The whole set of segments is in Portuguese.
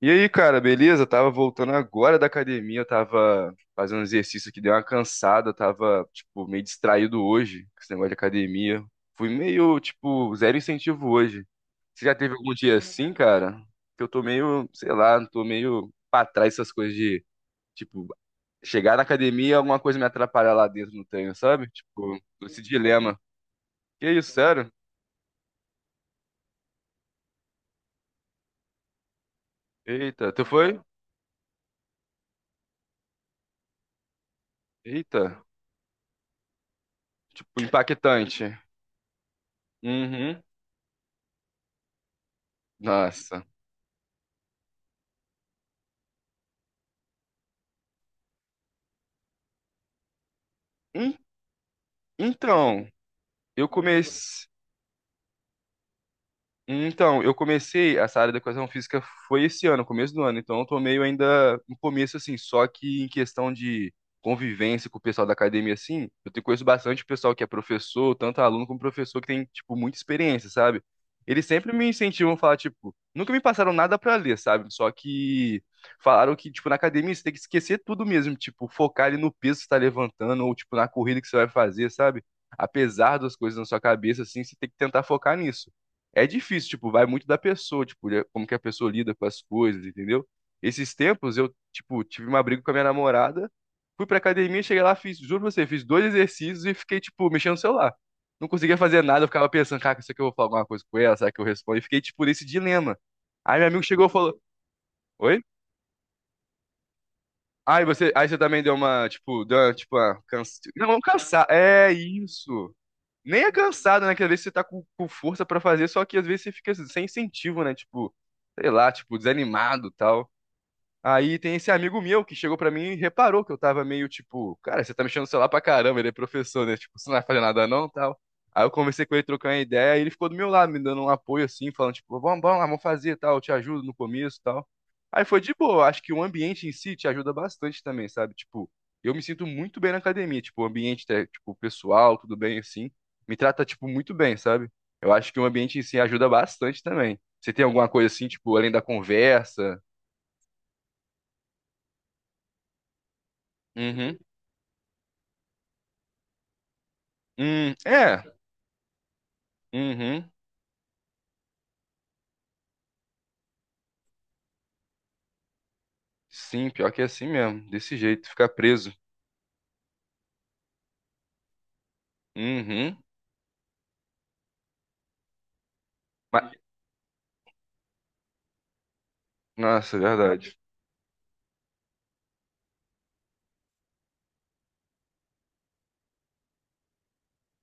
E aí, cara, beleza? Tava voltando agora da academia, eu tava fazendo um exercício que deu uma cansada, tava, tipo, meio distraído hoje com esse negócio de academia. Fui meio, tipo, zero incentivo hoje. Você já teve algum dia assim, cara? Que eu tô meio, sei lá, tô meio pra trás essas coisas de, tipo, chegar na academia e alguma coisa me atrapalhar lá dentro no treino, sabe? Tipo, esse dilema. Que isso, sério? Eita, tu foi? Eita, tipo, impactante. Uhum. Nossa. Então, eu comecei. Então, eu comecei essa área da educação física foi esse ano, começo do ano. Então, eu tô meio ainda no começo, assim. Só que em questão de convivência com o pessoal da academia, assim, eu te conheço bastante pessoal que é professor, tanto aluno como professor, que tem, tipo, muita experiência, sabe? Eles sempre me incentivam a falar, tipo, nunca me passaram nada pra ler, sabe? Só que falaram que, tipo, na academia você tem que esquecer tudo mesmo, tipo, focar ali no peso que você tá levantando ou, tipo, na corrida que você vai fazer, sabe? Apesar das coisas na sua cabeça, assim, você tem que tentar focar nisso. É difícil, tipo, vai muito da pessoa, tipo, como que a pessoa lida com as coisas, entendeu? Esses tempos eu, tipo, tive uma briga com a minha namorada, fui pra academia, cheguei lá, fiz, juro pra você, fiz dois exercícios e fiquei, tipo, mexendo no celular. Não conseguia fazer nada, eu ficava pensando, cara, será que eu vou falar alguma coisa com ela? Será que eu respondo? E fiquei, tipo, nesse dilema. Aí meu amigo chegou e falou, oi? Aí você também deu uma, tipo, Não, vamos cansar. É isso. Nem é cansado, né? Que às vezes você tá com força pra fazer, só que às vezes você fica sem incentivo, né? Tipo, sei lá, tipo, desanimado e tal. Aí tem esse amigo meu que chegou pra mim e reparou que eu tava meio tipo, cara, você tá mexendo no celular pra caramba, ele é professor, né? Tipo, você não vai fazer nada não, tal. Aí eu conversei com ele, trocando uma ideia, e ele ficou do meu lado, me dando um apoio assim, falando tipo, vamos, vamos lá, vamos fazer, tal, eu te ajudo no começo, tal. Aí foi de boa, acho que o ambiente em si te ajuda bastante também, sabe? Tipo, eu me sinto muito bem na academia, tipo, o ambiente, é, tipo, pessoal, tudo bem assim, me trata tipo muito bem, sabe? Eu acho que o ambiente em si ajuda bastante também. Você tem alguma coisa assim, tipo, além da conversa? Uhum. É. Uhum. Sim, pior que é assim mesmo. Desse jeito, ficar preso. Uhum. Ma- Nossa, é verdade.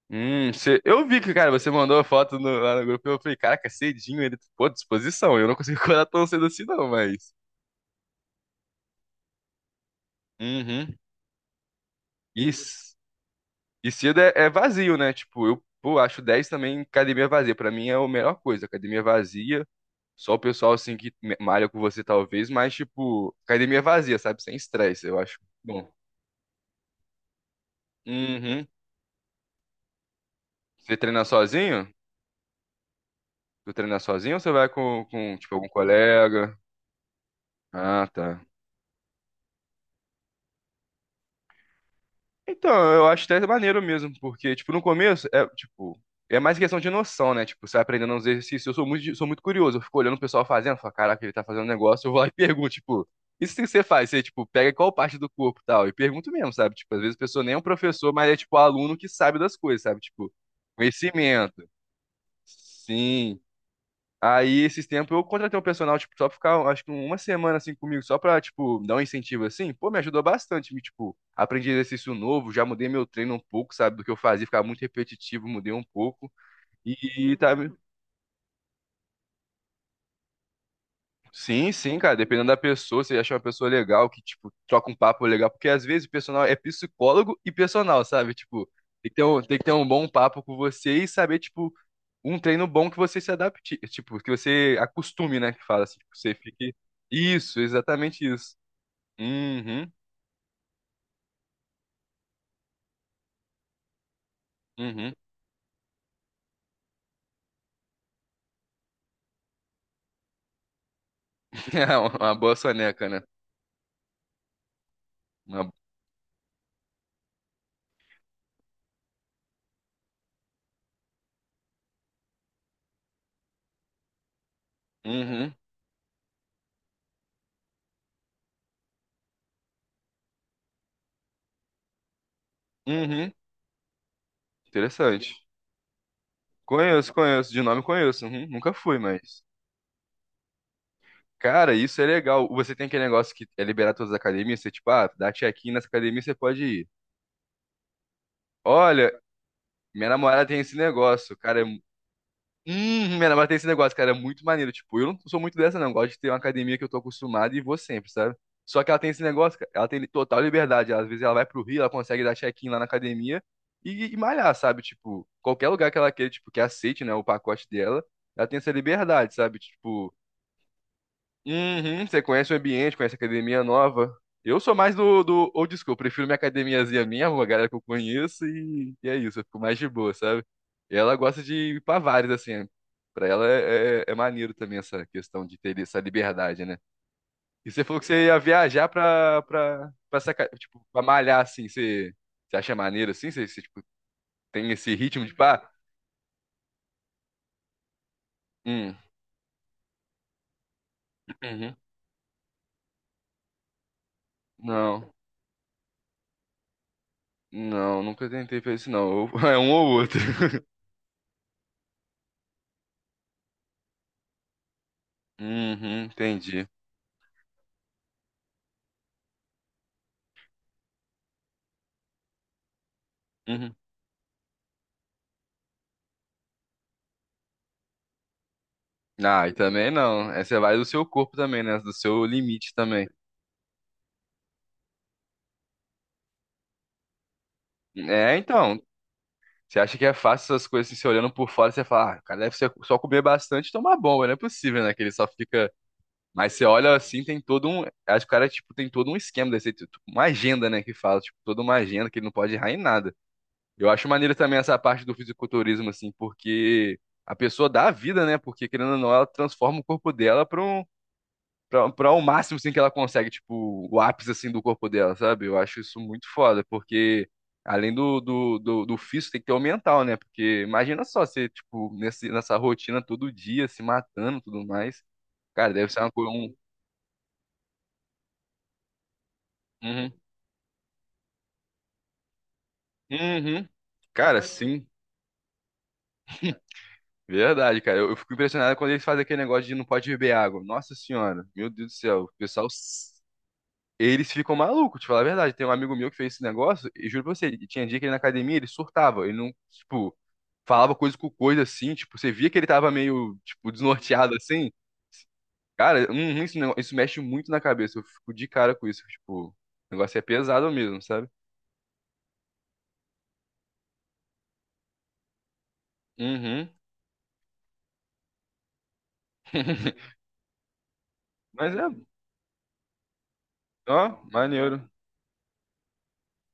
Eu vi que, cara, você mandou a foto lá no grupo. Eu falei, caraca, cedinho ele, pô, disposição. Eu não consigo acordar tão cedo assim, não, mas. Uhum. E, c- e cedo é, vazio, né? Tipo, eu, pô, acho 10 também academia vazia. Pra mim é a melhor coisa. Academia vazia, só o pessoal assim que malha com você, talvez, mas, tipo, academia vazia, sabe? Sem estresse, eu acho. Bom. Uhum. Você treina sozinho? Tu treina sozinho ou você vai com, tipo, algum colega? Ah, tá. Então, eu acho até maneiro mesmo, porque, tipo, no começo, é, tipo, é mais questão de noção, né? Tipo, você vai aprendendo uns exercícios. Eu sou muito curioso, eu fico olhando o pessoal fazendo, falo, caraca, ele tá fazendo um negócio, eu vou lá e pergunto, tipo, isso que você faz? Você, tipo, pega qual parte do corpo e tal, e pergunto mesmo, sabe? Tipo, às vezes a pessoa nem é um professor, mas é, tipo, aluno que sabe das coisas, sabe? Tipo, conhecimento. Sim. Aí, esses tempos, eu contratei um personal, tipo, só pra ficar, acho que uma semana, assim, comigo, só pra, tipo, dar um incentivo, assim. Pô, me ajudou bastante, me, tipo, aprendi exercício novo, já mudei meu treino um pouco, sabe, do que eu fazia, ficava muito repetitivo, mudei um pouco. E, tá... Sim, sim, cara, dependendo da pessoa, você acha uma pessoa legal, que, tipo, troca um papo legal, porque às vezes o personal é psicólogo e personal, sabe, tipo. Tem que ter um bom papo com você e saber, tipo, um treino bom que você se adapte, tipo, que você acostume, né? Que fala assim, que você fique. Isso, exatamente isso. Uhum, uhum. É uma boa soneca, né? Uma... Uhum, uhum. Interessante. Conheço, conheço. De nome conheço. Uhum. Nunca fui, mas. Cara, isso é legal. Você tem aquele negócio que é liberar todas as academias, você, tipo, ah, dá check-in nessa academia, você pode ir. Olha, minha namorada tem esse negócio, cara, é Minha namorada tem esse negócio, cara, é muito maneiro. Tipo, eu não sou muito dessa, não. Eu gosto de ter uma academia que eu tô acostumado e vou sempre, sabe? Só que ela tem esse negócio, cara, ela tem total liberdade. Às vezes ela vai pro Rio, ela consegue dar check-in lá na academia e malhar, sabe? Tipo, qualquer lugar que ela queira, tipo, que aceite, né, o pacote dela, ela tem essa liberdade, sabe? Tipo, uhum, você conhece o ambiente, conhece a academia nova. Eu sou mais do old school, prefiro minha academiazinha minha, uma galera que eu conheço e é isso, eu fico mais de boa, sabe? E ela gosta de ir pra vários, assim, né? Pra ela é maneiro também essa questão de ter essa liberdade, né? E você falou que você ia viajar pra, essa tipo, pra malhar, assim, você acha maneiro, assim? Você, tipo, tem esse ritmo de pá? Hum, uhum. Não, não, nunca tentei fazer isso, não. É um ou outro. Uhum, entendi. Uhum. Ah, e também não. É, você vai do seu corpo também, né? Do seu limite também. É, então. Você acha que é fácil essas coisas, assim, você olhando por fora, você fala, ah, o cara deve ser só comer bastante e tomar bomba, não é possível, né? Que ele só fica. Mas você olha assim, tem todo um. Acho que o cara, tipo, tem todo um esquema desse, tipo, uma agenda, né? Que fala, tipo, toda uma agenda que ele não pode errar em nada. Eu acho maneiro também essa parte do fisiculturismo, assim, porque a pessoa dá a vida, né? Porque, querendo ou não, ela transforma o corpo dela pra o máximo assim, que ela consegue, tipo, o ápice assim do corpo dela, sabe? Eu acho isso muito foda, porque além do físico, tem que ter o mental, né? Porque imagina só você, tipo, nessa rotina todo dia, se matando e tudo mais. Cara, deve ser uma coisa. Uhum. Uhum. Cara, sim. Verdade, cara. Eu fico impressionado quando eles fazem aquele negócio de não pode beber água. Nossa senhora, meu Deus do céu. O pessoal eles ficam malucos, te falar a verdade. Tem um amigo meu que fez esse negócio, e juro pra você, tinha dia que ele na academia, ele surtava, ele não, tipo, falava coisa com coisa assim, tipo, você via que ele tava meio, tipo, desnorteado assim. Cara, isso, não- isso mexe muito na cabeça, eu fico de cara com isso, tipo, o negócio é pesado mesmo, sabe? Uhum. Mas é, ó, maneiro.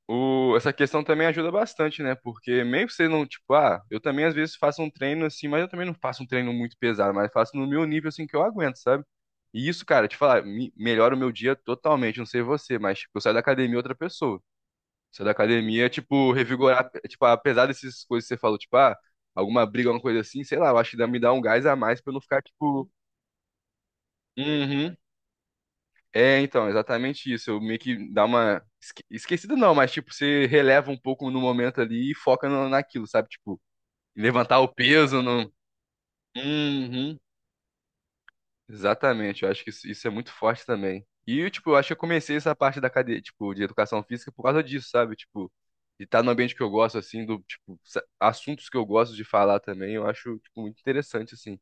O, essa questão também ajuda bastante, né? Porque meio que você não, tipo, ah, eu também às vezes faço um treino assim, mas eu também não faço um treino muito pesado, mas faço no meu nível assim que eu aguento, sabe? E isso, cara, te falar, melhora o meu dia totalmente, não sei você, mas tipo, eu saio da academia outra pessoa. Saio da academia, é, tipo, revigorar, é, tipo, apesar dessas coisas que você falou, tipo, ah, alguma briga, alguma coisa assim, sei lá, eu acho que me dá um gás a mais pra eu não ficar, tipo, uhum, é, então, exatamente isso. Eu meio que dá uma esquecido não, mas tipo, você releva um pouco no momento ali e foca naquilo, sabe? Tipo, levantar o peso no. Uhum. Exatamente, eu acho que isso é muito forte também. E, tipo, eu acho que eu comecei essa parte da cadeia, tipo, de educação física por causa disso, sabe? Tipo, de estar no ambiente que eu gosto, assim, do, tipo, assuntos que eu gosto de falar também, eu acho, tipo, muito interessante, assim.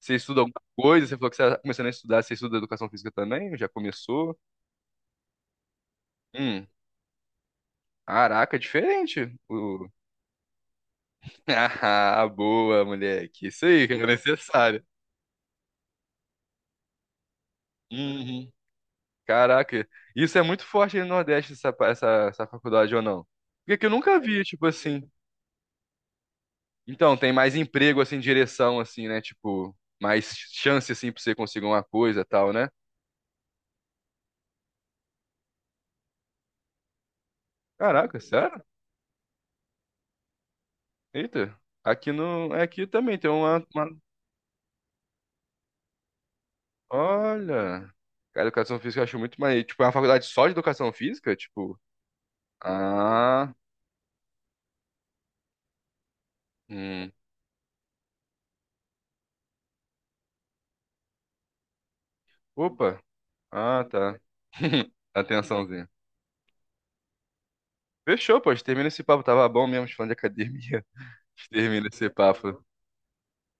Você estuda alguma coisa? Você falou que você tá começando a estudar, você estuda educação física também? Já começou? Hum. Caraca, diferente. Ah, boa, moleque. Isso aí que era necessário. Uhum. Caraca, isso é muito forte aí no Nordeste, essa faculdade ou não? Porque que eu nunca vi, tipo assim. Então, tem mais emprego, assim, direção, assim, né? Tipo, mais chance, assim, pra você conseguir uma coisa tal, né? Caraca, sério? Eita. Aqui no. Aqui também tem uma. Olha. Cara, educação física eu acho muito mais. Tipo, é uma faculdade só de educação física? Tipo. Ah. Hum. Opa, ah, tá. Atençãozinha. Fechou, pô, a gente termina esse papo. Tava bom mesmo, falando de academia. A gente termina esse papo.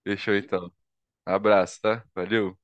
Fechou então. Abraço, tá? Valeu.